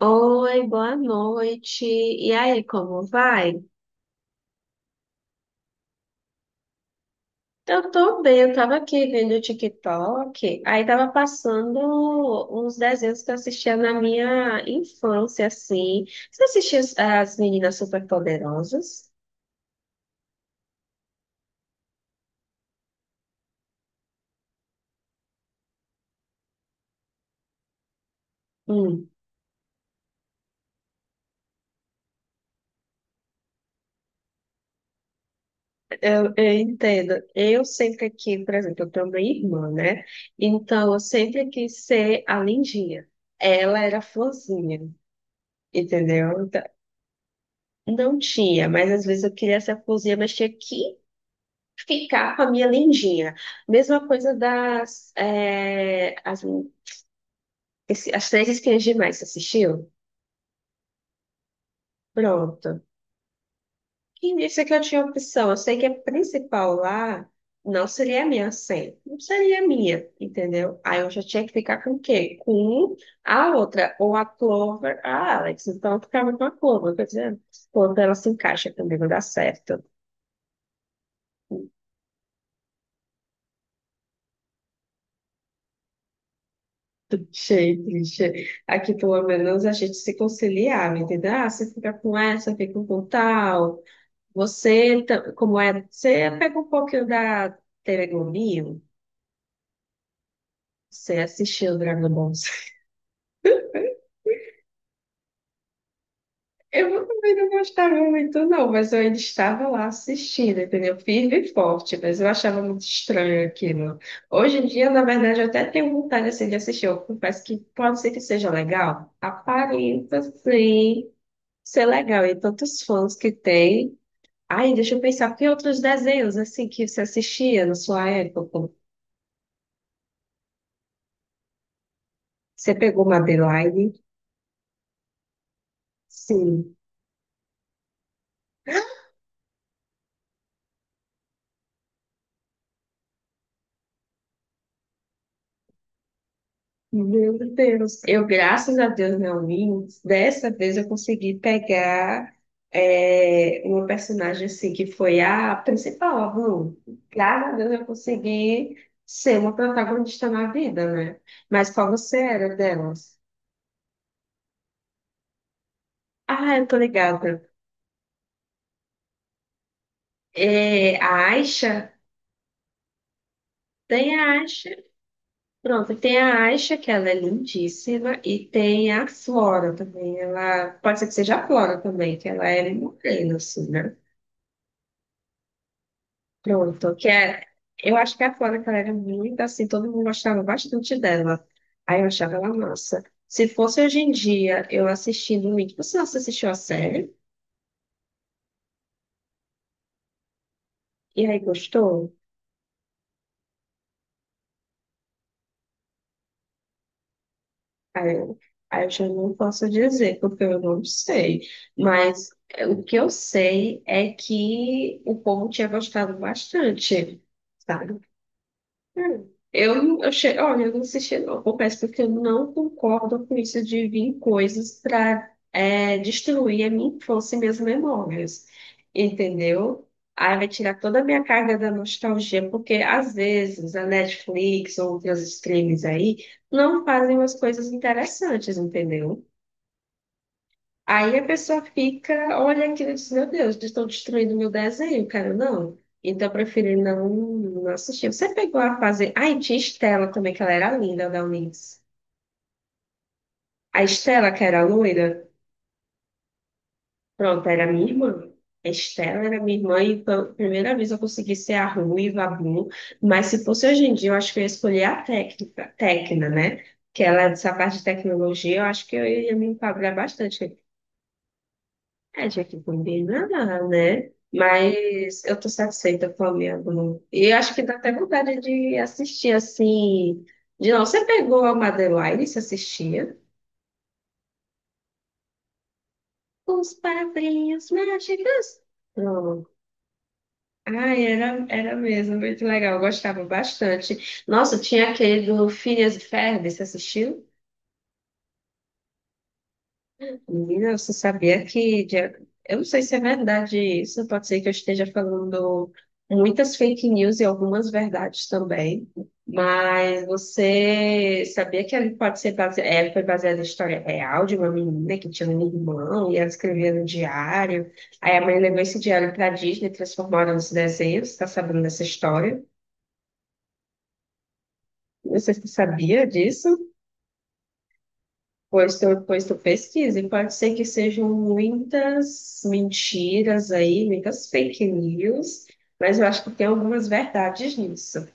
Oi, boa noite. E aí, como vai? Eu tô bem, eu tava aqui vendo o TikTok, aí tava passando uns desenhos que eu assistia na minha infância, assim. Você assistia as Meninas Superpoderosas? Hum, eu entendo. Eu sempre quis, por exemplo, eu tenho uma irmã, né? Então, eu sempre quis ser a lindinha. Ela era a florzinha, entendeu? Então, não tinha, mas às vezes eu queria ser a florzinha, mas tinha que ficar com a minha lindinha. Mesma coisa das as, as três espinhas demais, você assistiu? Pronto. E disse que eu tinha opção. Eu sei que a principal lá não seria a minha senha. Não seria a minha, entendeu? Aí eu já tinha que ficar com o quê? Com a outra, ou a Clover, a Alex. Então eu ficava com a Clover, quer dizer, quando ela se encaixa também não dá certo. Achei triste. Aqui, pelo menos, a gente se conciliava, entendeu? Ah, você fica com essa, fica com tal. Você, como é? Você pega um pouquinho da Telegominho, você assistiu o Dragon Ball Z. Eu também não gostava muito, não, mas eu ainda estava lá assistindo, entendeu? Firme e forte, mas eu achava muito estranho aquilo. Hoje em dia, na verdade, eu até tenho vontade, assim, de assistir. Eu confesso que pode ser que seja legal. Aparenta, sim. Isso é legal, e tantos fãs que tem. Ai, deixa eu pensar, que outros desenhos assim que você assistia na sua época? Você pegou uma Madeline? Sim. Meu Deus. Eu, graças a Deus, não li. Dessa vez eu consegui pegar uma personagem assim que foi a principal, a Blue. Graças a Deus eu consegui ser uma protagonista na vida, né? Mas qual você era delas? Ah, eu tô ligada. É, a Aisha? Tem a Asha, pronto, tem a Asha, que ela é lindíssima, e tem a Flora também, ela, pode ser que seja a Flora também, que ela era morena, assim, né? Pronto, que é, eu acho que a Flora, que ela era muito assim, todo mundo gostava bastante dela, aí eu achava ela massa. Se fosse hoje em dia, eu assistindo muito, você não assistiu a série? E aí gostou? Aí eu, aí eu já não posso dizer, porque eu não sei. Mas é, o que eu sei é que o povo tinha gostado bastante, sabe? Hum. Olha, eu não assisti, não. Eu confesso porque eu não concordo com isso de vir coisas para destruir a minha infância e minhas memórias. Entendeu? Aí vai tirar toda a minha carga da nostalgia, porque às vezes a Netflix ou outras streams aí não fazem umas coisas interessantes, entendeu? Aí a pessoa fica, olha aquilo e diz, meu Deus, eles estão destruindo meu desenho, cara, não. Então eu preferi não assistir. Você pegou a fase. Ai, tinha Estela também, que ela era linda da Unis. A Estela, que era loira, pronto, era minha irmã. A Estela era minha irmã e pela primeira vez eu consegui ser a ruiva, a Blue. Mas se fosse hoje em dia, eu acho que eu ia escolher a técnica, Tecna, né? Que ela é dessa parte de tecnologia, eu acho que eu ia me enquadrar bastante. É, tinha que combinar, né? Mas eu tô satisfeita com a minha Globo. E eu acho que dá até vontade de assistir assim. De não, você pegou a Madeline, e se assistia? Os Padrinhos Mágicos. Pronto. Ai, era mesmo, muito legal. Eu gostava bastante. Nossa, tinha aquele do Phineas e Ferb, você assistiu? Menina, você sabia eu não sei se é verdade isso, pode ser que eu esteja falando muitas fake news e algumas verdades também, mas você sabia que ele pode ser base... é, foi baseada em história real de uma menina que tinha um irmão e ela escrevia no diário, aí a mãe levou esse diário para Disney e transformaram nos desenhos, está sabendo dessa história? Você sabia disso? Pois tu pesquisa, e pode ser que sejam muitas mentiras aí, muitas fake news, mas eu acho que tem algumas verdades nisso.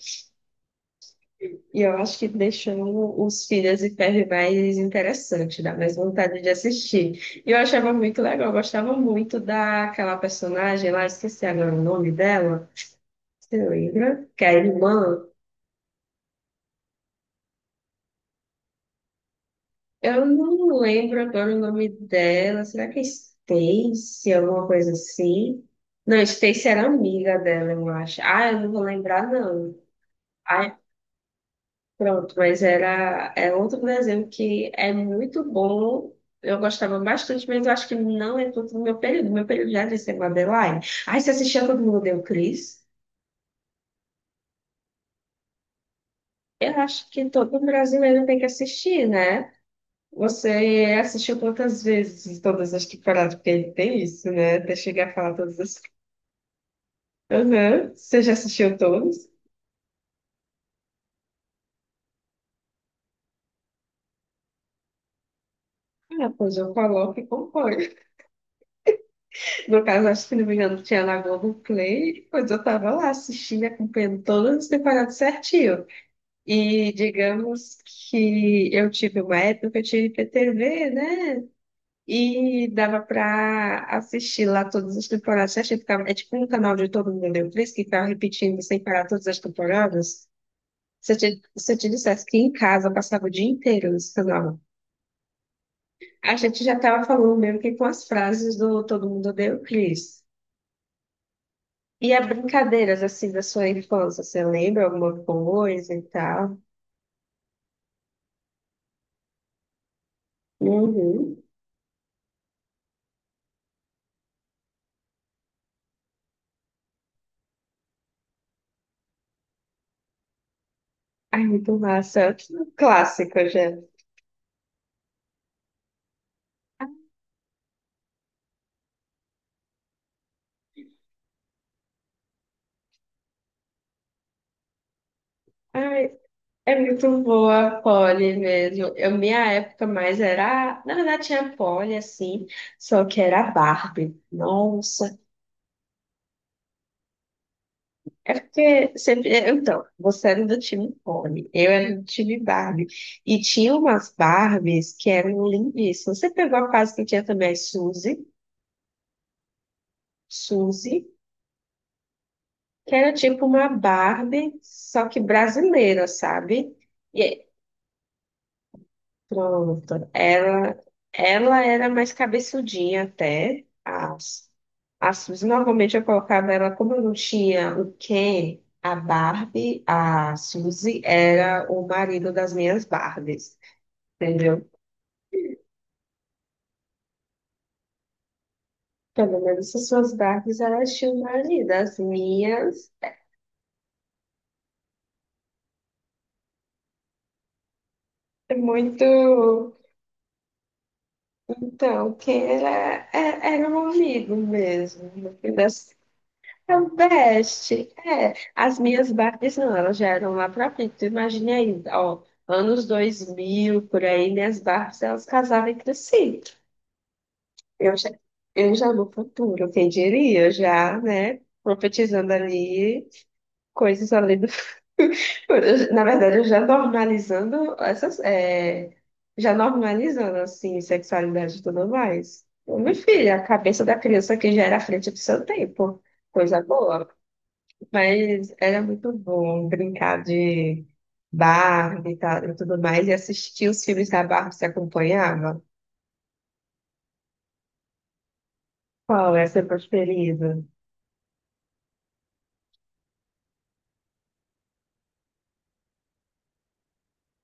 E eu acho que deixou os Filhas e Ferro mais interessante, dá mais vontade de assistir. E eu achava muito legal, eu gostava muito daquela personagem lá, esqueci agora o nome dela, você lembra? Que é a irmã. Eu não lembro agora o nome dela. Será que é Stacy, alguma coisa assim? Não, Stacy era amiga dela, eu acho. Ah, eu não vou lembrar, não. Ah, pronto, mas é outro desenho que é muito bom. Eu gostava bastante, mas eu acho que não é todo o meu período. Meu período já era de ser Madeline. Ah, você assistia Todo Mundo Deu Cris? Eu acho que todo brasileiro tem que assistir, né? Você assistiu quantas vezes todas as temporadas? Porque ele tem isso, né? Até chegar a falar todas as. Aham. Você já assistiu todos? Ah, pois eu coloco e compõe. No caso, acho que, se não me engano, tinha na Globoplay, pois eu estava lá assistindo, e acompanhando todas as temporadas certinho. E digamos que eu tive uma época que eu tinha IPTV, né? E dava para assistir lá todas as temporadas certinho. Ficava, é tipo um canal de todo mundo deu três que ficava repetindo sem parar todas as temporadas. Se eu te dissesse que em casa eu passava o dia inteiro no celular, a gente já estava falando mesmo que com as frases do Todo Mundo Odeia o Chris. E as brincadeiras, assim, da sua infância, você lembra alguma coisa e tal? Uhum. Ai, muito massa. Clássico, já. Ai, é muito boa a Polly mesmo. Eu, minha época mais era. Na verdade, tinha Polly, assim, só que era a Barbie. Nossa, é porque sempre. Então, você era do time Pony, eu era do time Barbie. E tinha umas Barbies que eram lindíssimas. Você pegou a fase que tinha também as Suzy, Suzy, que era tipo uma Barbie, só que brasileira, sabe? Pronto. Ela era mais cabeçudinha até. As Suzy, normalmente eu colocava ela, como eu não tinha o Ken, a Barbie, a Suzy era o marido das minhas Barbies, entendeu? Pelo menos as suas Barbies, elas tinham um marido. As minhas, é muito... Então, o Ken era, era um amigo mesmo. No fim das. É o best. É, as minhas Barbies não, elas já eram lá pra frente. Tu imagina aí, ó, anos 2000 por aí, minhas Barbies, elas casaram entre si. Eu já, eu já no futuro, quem diria, já, né, profetizando ali coisas ali do na verdade, eu já normalizando essas, já normalizando, assim, sexualidade e tudo mais. Meu filho, a cabeça da criança que já era à frente do seu tempo. Coisa boa. Mas era muito bom brincar de Barbie e tal, e tudo mais, e assistir os filmes da Barbie, se acompanhava. Qual é a sua preferida?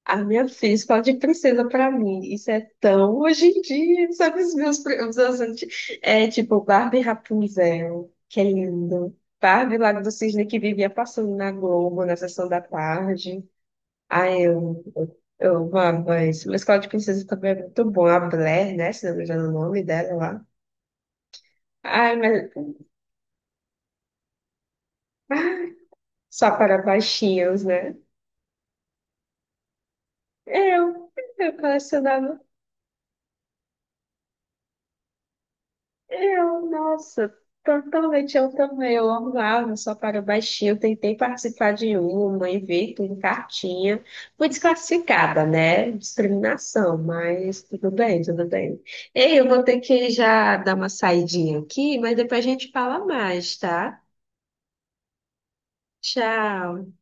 A minha filha, escola de princesa pra mim. Isso é tão hoje em dia, sabe? Os meus anti- é tipo Barbie Rapunzel, que é lindo. Barbie Lago do Cisne, que vivia passando na Globo, na sessão da tarde. Ai, eu, eu amava isso. Mas escola de princesa também é muito bom. A Blair, né? Se não me engano o nome dela lá. Ai, mas ah, só para baixinhos, né? Eu, eu colecionava. Eu, nossa, totalmente eu também. Eu amava só para baixinho. Eu tentei participar de uma e ver tudo em cartinha. Fui desclassificada, né? Discriminação, mas tudo bem, tudo bem. Ei, eu vou ter que já dar uma saidinha aqui, mas depois a gente fala mais, tá? Tchau.